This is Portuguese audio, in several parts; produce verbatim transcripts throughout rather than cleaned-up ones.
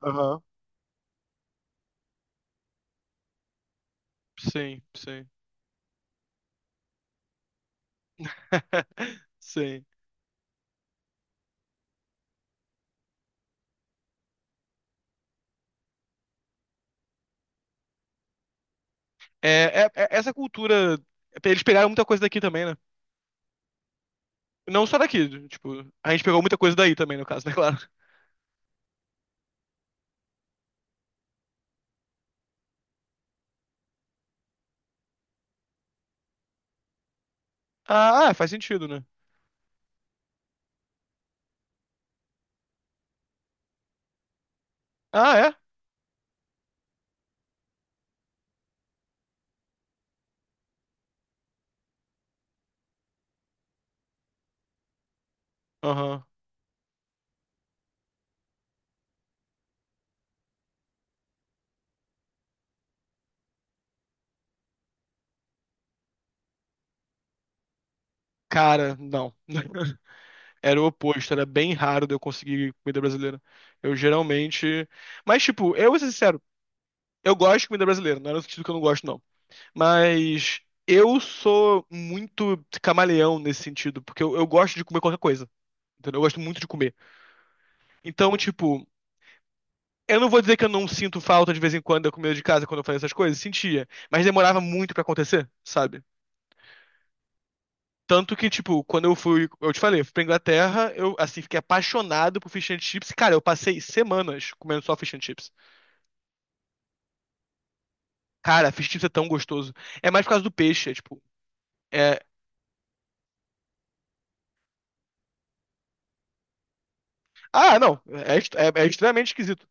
Aham. Sim, sim. Sim. É, é- é- essa cultura. Eles pegaram muita coisa daqui também, né? Não só daqui, tipo, a gente pegou muita coisa daí também, no caso, né, claro. Ah, ah, faz sentido, né? Ah, é? Aham. Cara, não. Era o oposto, era bem raro de eu conseguir comida brasileira. Eu geralmente. Mas, tipo, eu vou ser sincero, eu gosto de comida brasileira, não é no sentido que eu não gosto, não. Mas eu sou muito camaleão nesse sentido, porque eu, eu gosto de comer qualquer coisa. Entendeu? Eu gosto muito de comer. Então, tipo, eu não vou dizer que eu não sinto falta de vez em quando da comida de casa quando eu fazia essas coisas, sentia, mas demorava muito pra acontecer, sabe? Tanto que, tipo, quando eu fui, eu te falei, eu fui pra Inglaterra, eu, assim, fiquei apaixonado por fish and chips. Cara, eu passei semanas comendo só fish and chips. Cara, fish and chips é tão gostoso. É mais por causa do peixe, é tipo, é... Ah, não, é, est- é- é extremamente esquisito.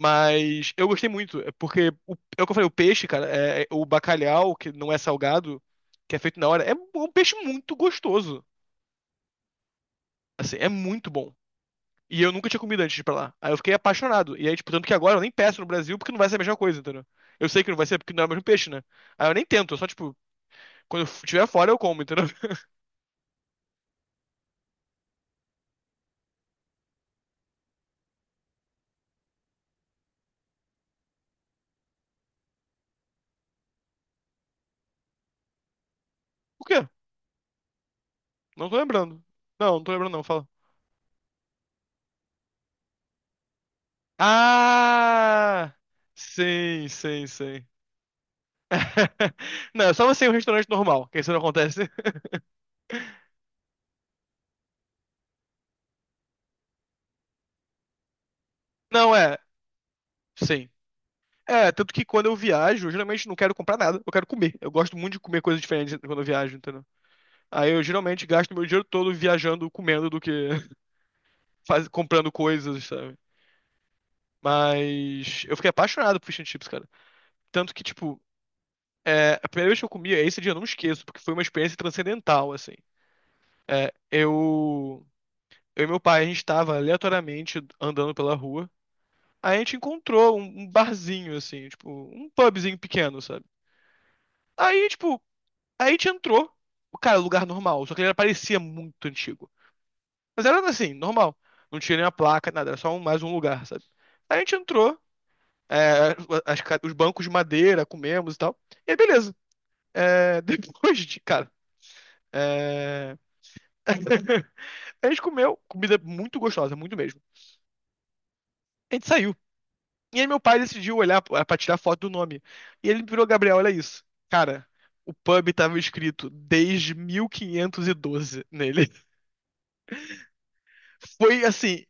Mas eu gostei muito, é porque, o, é o que eu falei, o peixe, cara, é, é- o bacalhau, que não é salgado, que é feito na hora, é um peixe muito gostoso. Assim, é muito bom. E eu nunca tinha comido antes de ir pra lá. Aí eu fiquei apaixonado. E aí, tipo, tanto que agora eu nem peço no Brasil porque não vai ser a mesma coisa, entendeu? Eu sei que não vai ser porque não é o mesmo peixe, né? Aí eu nem tento, eu só, tipo, quando eu estiver fora eu como, entendeu? O quê? Não tô lembrando. Não, não tô lembrando, não, fala. Ah! Sim, sim, sim. Não, é só você em um restaurante normal, que isso não acontece. Não, é, sim. É, tanto que quando eu viajo, eu geralmente não quero comprar nada, eu quero comer. Eu gosto muito de comer coisas diferentes quando eu viajo, entendeu? Aí eu geralmente gasto meu dinheiro todo viajando, comendo do que faz- comprando coisas, sabe? Mas eu fiquei apaixonado por fish and chips, cara. Tanto que, tipo, é, a primeira vez que eu comia, esse dia eu não esqueço, porque foi uma experiência transcendental, assim. É, eu, eu e meu pai, a gente tava aleatoriamente andando pela rua. Aí a gente encontrou um, um barzinho, assim, tipo, um pubzinho pequeno, sabe? Aí, tipo, aí a gente entrou. Cara, lugar normal, só que ele parecia muito antigo. Mas era assim, normal. Não tinha nenhuma placa, nada, era só um- mais um lugar, sabe? Aí a gente entrou, é, as ca- os bancos de madeira, comemos e tal. E aí, beleza. É, depois de, cara, é, a gente comeu comida muito gostosa, muito mesmo. A gente saiu. E aí meu pai decidiu olhar pra pra tirar foto do nome. E ele virou, Gabriel, olha isso. Cara, o pub tava escrito desde mil quinhentos e doze nele. Foi assim,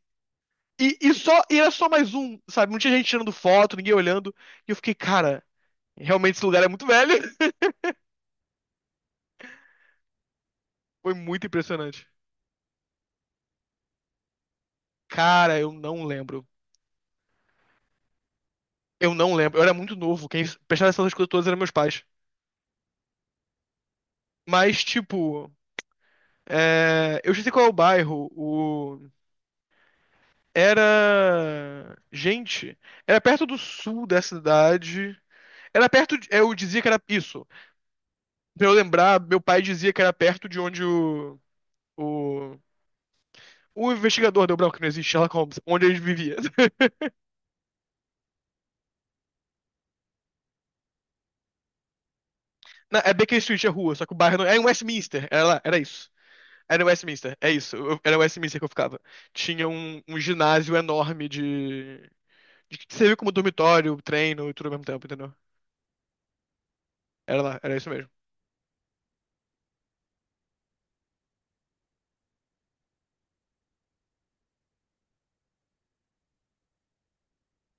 E, e só, e era só mais um, sabe? Não tinha gente tirando foto, ninguém olhando. E eu fiquei, cara, realmente esse lugar é muito velho. Foi muito impressionante. Cara, eu não lembro. Eu não lembro. Eu era muito novo. Quem prestava atenção nessas coisas todas eram meus pais. Mas, tipo, é, eu já sei qual é o bairro. O... Era. Gente, era perto do sul da cidade. Era perto. De- Eu dizia que era isso. Pra eu lembrar, meu pai dizia que era perto de onde o. O. O investigador deu branco que não existe Sherlock Holmes, onde ele vivia. É Baker Street, é rua, só que o bairro não. Era em Westminster, era lá, era isso. Era em Westminster, é isso. eu- Era em Westminster que eu ficava. Tinha um, um ginásio enorme de. De que servia como dormitório, treino e tudo ao mesmo tempo, entendeu? Era lá, era isso mesmo.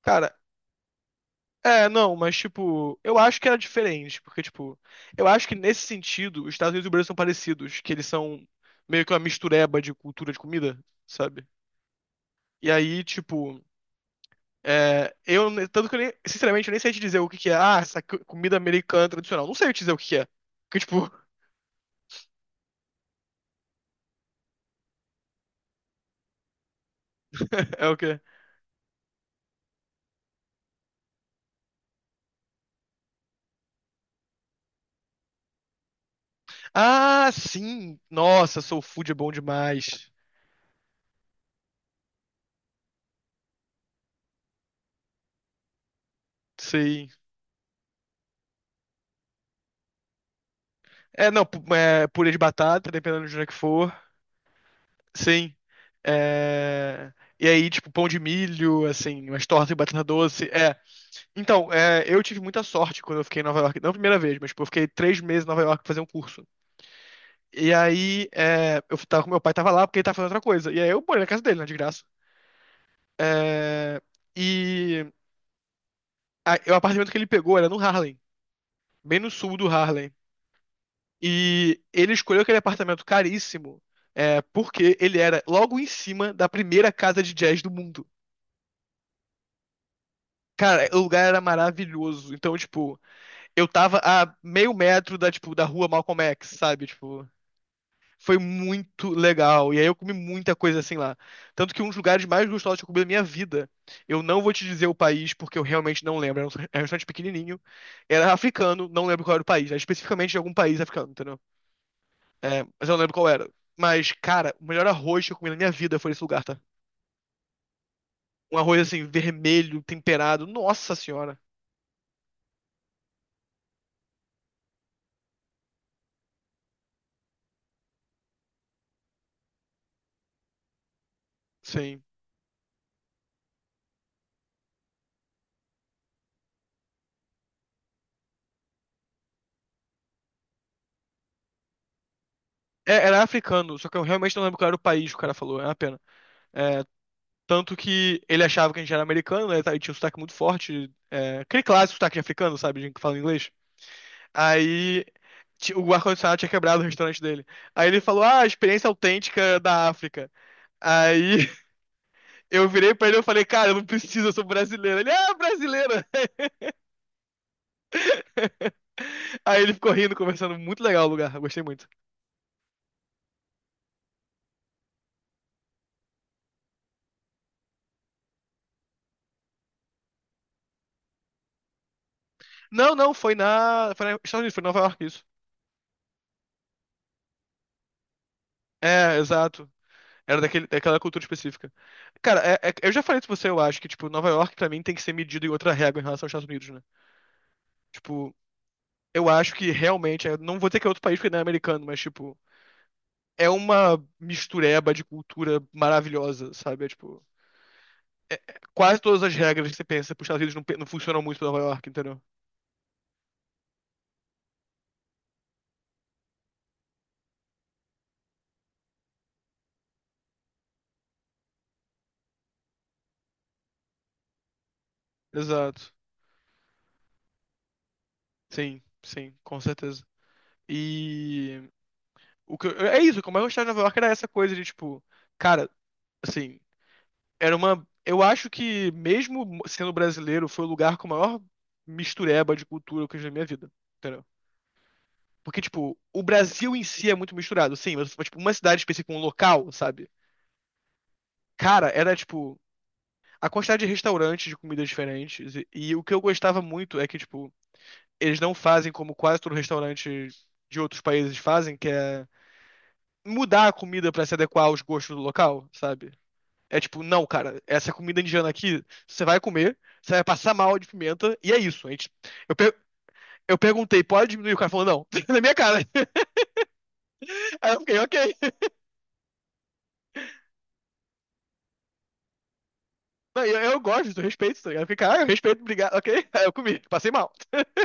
Cara, é, não, mas tipo, eu acho que era diferente, porque, tipo, eu acho que nesse sentido, os Estados Unidos e o Brasil são parecidos, que eles são meio que uma mistureba de cultura de comida, sabe? E aí, tipo. É, eu, tanto que eu nem, sinceramente, eu nem sei te dizer o que que é. Ah, essa co- comida americana tradicional. Não sei eu te dizer o que que é. Que, tipo, é o quê? Ah, sim! Nossa, soul food é bom demais. Sim. É, não, pu- é, purê de batata, dependendo de onde é que for. Sim. É, E aí, tipo, pão de milho, assim, umas tortas de batata doce. É. Então, é, eu tive muita sorte quando eu fiquei em Nova York. Não a primeira vez, mas, tipo, eu fiquei três meses em Nova York pra fazer um curso. E aí, é, eu tava com meu pai, tava lá porque ele tava fazendo outra coisa. E aí eu morei na casa dele, né, de graça. É, e a- é o apartamento que ele pegou era no Harlem, bem no sul do Harlem. E ele escolheu aquele apartamento caríssimo, é, porque ele era logo em cima da primeira casa de jazz do mundo. Cara, o lugar era maravilhoso. Então, tipo, eu tava a meio metro da, tipo, da rua Malcolm X, sabe? Tipo, foi muito legal. E aí eu comi muita coisa assim lá. Tanto que um dos lugares mais gostosos que eu comi da minha vida. Eu não vou te dizer o país, porque eu realmente não lembro. Era um era um restaurante pequenininho. Era africano, não lembro qual era o país. Era especificamente de algum país africano, entendeu? É, mas eu não lembro qual era. Mas, cara, o melhor arroz que eu comi na minha vida foi nesse lugar, tá? Um arroz assim, vermelho, temperado. Nossa senhora. Sim. É, era africano, só que eu realmente não lembro qual era o país que o cara falou. É uma pena. É, tanto que ele achava que a gente era americano, né? E tinha um sotaque muito forte. É, aquele clássico sotaque de africano, sabe? De gente que fala inglês. Aí ti- o ar-condicionado tinha quebrado o restaurante dele. Aí ele falou, ah, experiência autêntica da África. Aí eu virei pra ele e falei, cara, eu não preciso, eu sou brasileiro. Ele, ah, brasileira! Aí ele ficou rindo, conversando. Muito legal o lugar, eu gostei muito. Não, não, foi na... Foi na Estados Unidos, foi em Nova York, isso. É, exato. Era daquele, daquela cultura específica. Cara, é- é- eu já falei isso pra você, eu acho que, tipo, Nova York pra mim tem que ser medido em outra régua em relação aos Estados Unidos, né? Tipo, eu acho que realmente, eu não vou dizer que é outro país porque não é americano, mas, tipo, é uma mistureba de cultura maravilhosa, sabe? É, tipo, é- é- quase todas as regras que você pensa pros Estados Unidos não, pe- não funcionam muito pra Nova York, entendeu? Exato. Sim, sim, com certeza. E o que eu- é isso, como eu mais gostava de Nova York era essa coisa de, tipo, cara, assim. Era uma. Eu acho que, mesmo sendo brasileiro, foi o lugar com a maior mistureba de cultura que eu já vi na minha vida. Entendeu? Porque, tipo, o Brasil em si é muito misturado, sim, mas, tipo, uma cidade específica, um local, sabe? Cara, era, tipo, a quantidade de restaurantes de comidas diferentes. E, e o que eu gostava muito é que, tipo, eles não fazem como quase todo restaurante de outros países fazem, que é mudar a comida pra se adequar aos gostos do local, sabe? É tipo, não, cara, essa comida indiana aqui, você vai comer, você vai passar mal de pimenta, e é isso. A gente, eu, per- eu perguntei, pode diminuir? O cara falou, não, na minha cara. Aí eu fiquei, ok. Não, eu, eu gosto, eu respeito, tá ligado? Eu fiquei, cara, eu respeito, obrigado, ok. Aí eu comi, passei mal.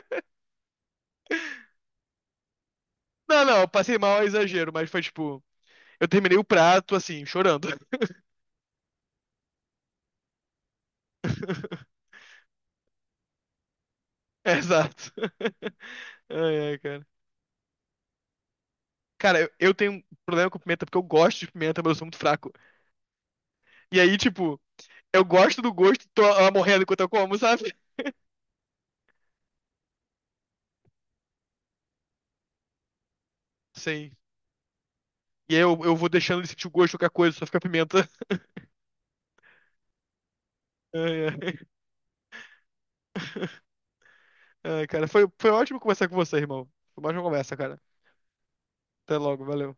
Não, não, passei mal é exagero, mas foi tipo, eu terminei o prato, assim, chorando. Exato. Ai, ai, cara. Cara, eu, eu tenho um problema com pimenta porque eu gosto de pimenta, mas eu sou muito fraco. E aí, tipo, eu gosto do gosto, tô ah, morrendo enquanto eu como, sabe? Sim. E aí eu, eu vou deixando ele sentir o gosto de qualquer coisa, só fica pimenta. Ai, ai. Ai, cara, foi, foi ótimo conversar com você, irmão. Foi mais uma conversa, cara. Até logo, valeu.